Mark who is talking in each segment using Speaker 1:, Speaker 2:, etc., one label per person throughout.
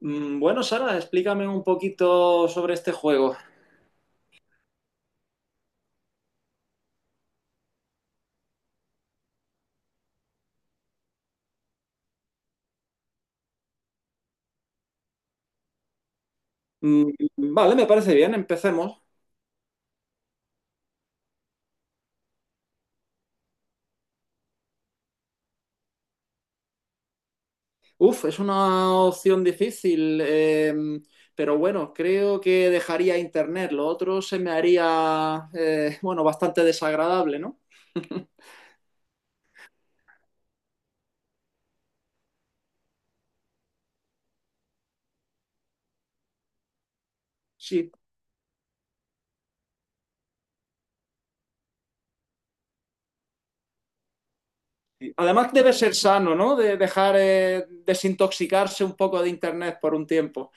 Speaker 1: Bueno, Sara, explícame un poquito sobre este juego. Mm, Vale, me parece bien, empecemos. Uf, es una opción difícil, pero bueno, creo que dejaría Internet. Lo otro se me haría, bueno, bastante desagradable, ¿no? Sí. Además debe ser sano, ¿no? De dejar desintoxicarse un poco de Internet por un tiempo.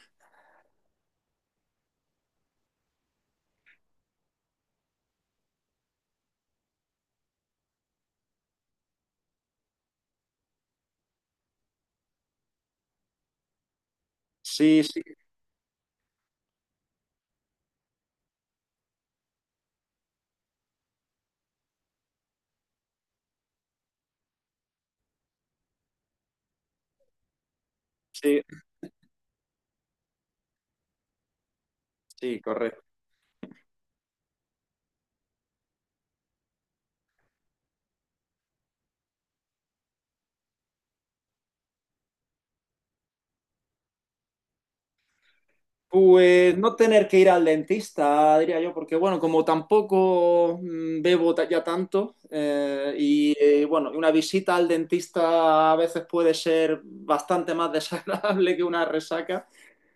Speaker 1: Sí, sí, sí, sí, correcto. Pues no tener que ir al dentista, diría yo, porque bueno, como tampoco bebo ya tanto, y bueno, una visita al dentista a veces puede ser bastante más desagradable que una resaca,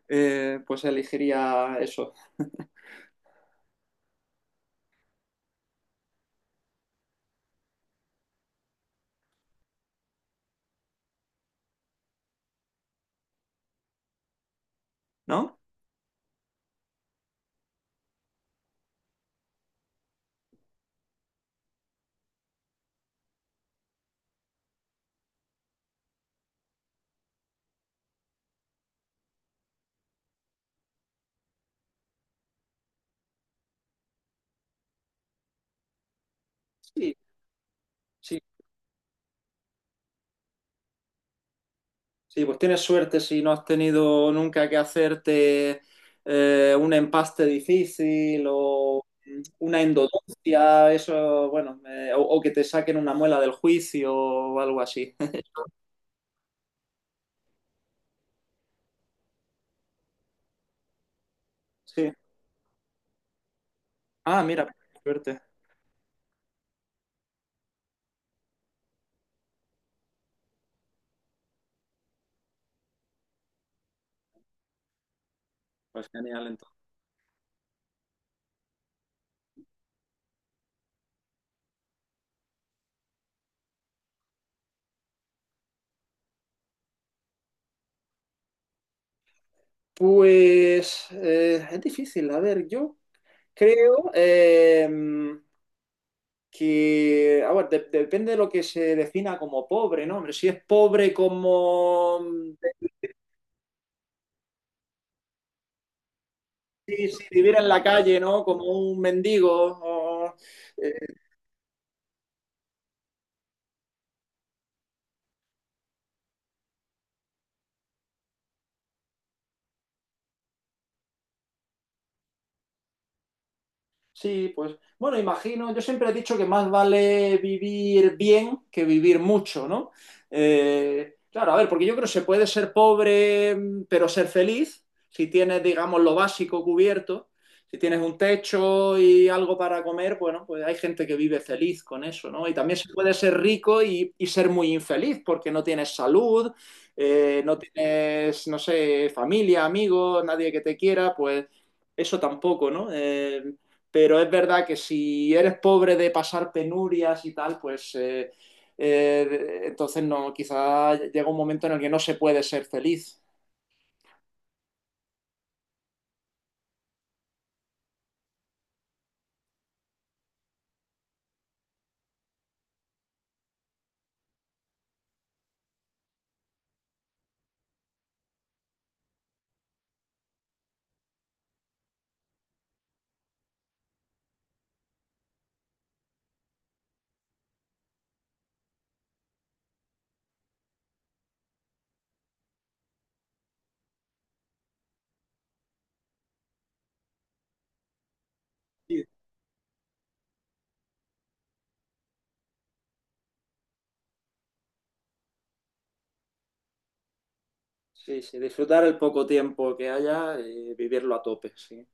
Speaker 1: pues elegiría eso, ¿no? Sí, sí. Sí, pues tienes suerte si no has tenido nunca que hacerte un empaste difícil o una endodoncia, eso, bueno, o que te saquen una muela del juicio o algo así. Sí. Ah, mira, suerte. Pues genial, entonces. Pues es difícil, a ver, yo creo que, a ver, depende de lo que se defina como pobre, ¿no? Hombre, si es pobre como si viviera en la calle, ¿no? Como un mendigo. O, eh, Sí, pues bueno, imagino, yo siempre he dicho que más vale vivir bien que vivir mucho, ¿no? Claro, a ver, porque yo creo que se puede ser pobre pero ser feliz si tienes, digamos, lo básico cubierto, si tienes un techo y algo para comer, bueno, pues hay gente que vive feliz con eso, ¿no? Y también se puede ser rico y ser muy infeliz porque no tienes salud, no tienes, no sé, familia, amigos, nadie que te quiera, pues eso tampoco, ¿no? Pero es verdad que si eres pobre de pasar penurias y tal, pues entonces no, quizá llega un momento en el que no se puede ser feliz. Sí. Sí, sí, disfrutar el poco tiempo que haya y vivirlo a tope, sí.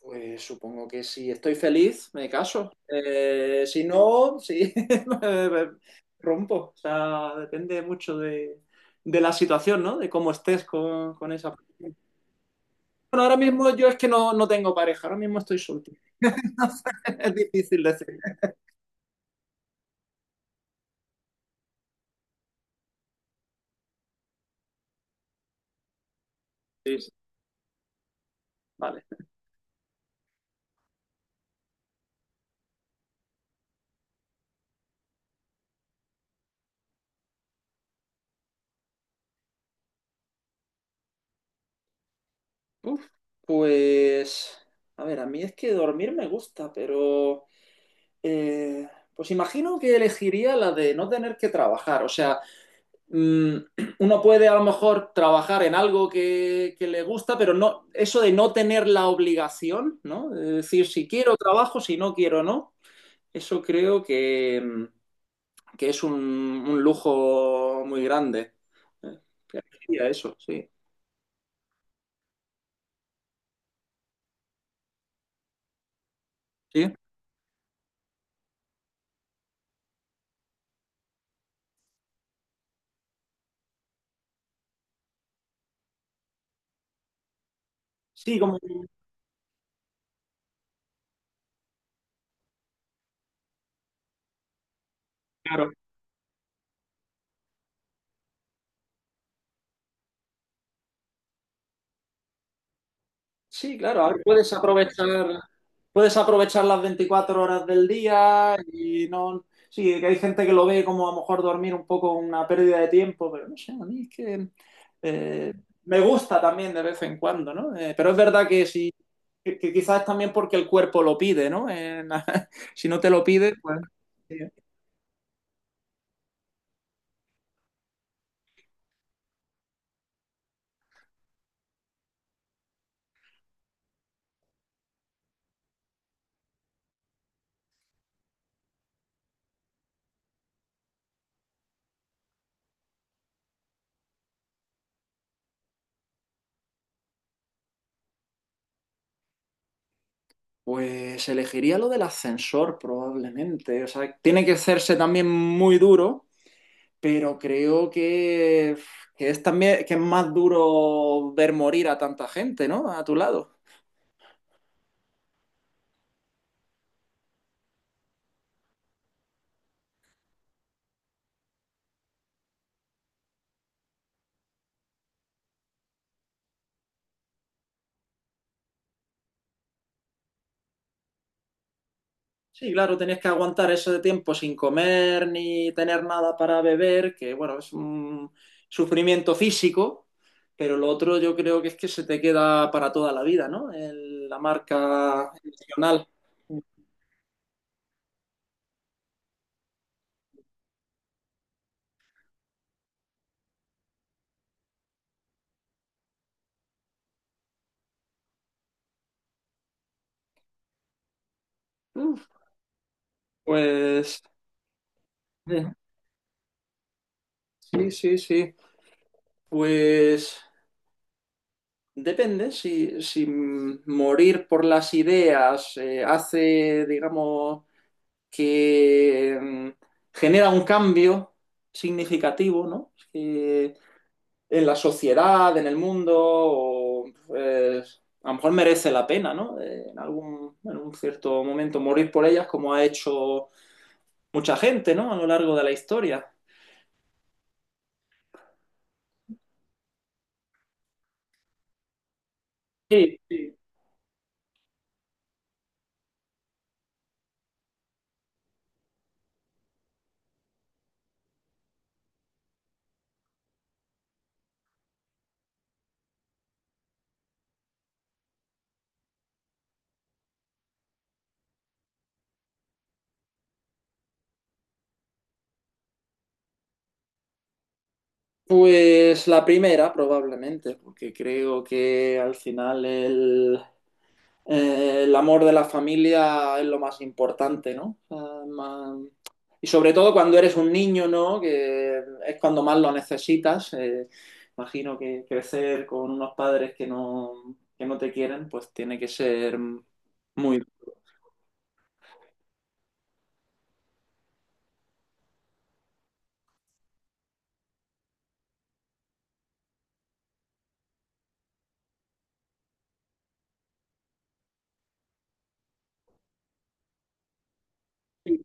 Speaker 1: Pues supongo que si estoy feliz, me caso. Si no, sí, me rompo. O sea, depende mucho de la situación, ¿no? De cómo estés con esa persona. Bueno, ahora mismo yo es que no, no tengo pareja, ahora mismo estoy soltero. No fue- es difícil decir. Sí, sí. Vale. Uf, pues, a ver, a mí es que dormir me gusta, pero eh, pues imagino que elegiría la de no tener que trabajar. O sea, mm, uno puede a lo mejor trabajar en algo que le gusta, pero no, eso de no tener la obligación, ¿no? De decir, si quiero trabajo, si no quiero, no. Eso creo que es un lujo muy grande. Eh, que elegiría eso, sí. ¿Sí? Sí, como, claro. Sí, claro, a ver, puedes aprovechar las 24 horas del día y no, sí, que hay gente que lo ve como a lo mejor dormir un poco una pérdida de tiempo, pero no sé, a mí es que eh, me gusta también de vez en cuando, ¿no? Pero es verdad que sí, que quizás también porque el cuerpo lo pide, ¿no? Si no te lo pide, pues, sí. Pues elegiría lo del ascensor probablemente. O sea, tiene que hacerse también muy duro pero creo que es también que es más duro ver morir a tanta gente, ¿no? A tu lado. Sí, claro, tenías que aguantar eso de tiempo sin comer ni tener nada para beber, que bueno, es un sufrimiento físico, pero lo otro yo creo que es que se te queda para toda la vida, ¿no? La marca emocional. Uf, pues eh, sí, sí, sí. Pues depende, si morir por las ideas hace, digamos, que genera un cambio significativo, ¿no? En la sociedad, en el mundo, o, pues, a lo mejor merece la pena, ¿no? En algún, en un cierto momento morir por ellas, como ha hecho mucha gente, ¿no? A lo largo de la historia. Sí, sí. Pues la primera, probablemente, porque creo que al final el amor de la familia es lo más importante, ¿no? Más- Y sobre todo cuando eres un niño, ¿no? Que es cuando más lo necesitas. Imagino que crecer con unos padres que no te quieren, pues tiene que ser muy duro. Sí,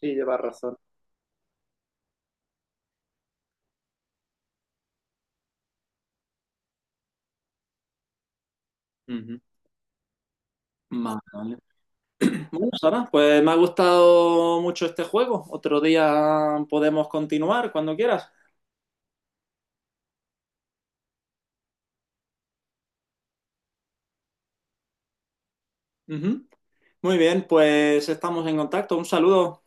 Speaker 1: sí, llevas razón. Ujú. Vale, vale. Bueno, Sara, pues me ha gustado mucho este juego. Otro día podemos continuar cuando quieras. Ujú. Muy bien, pues estamos en contacto. Un saludo.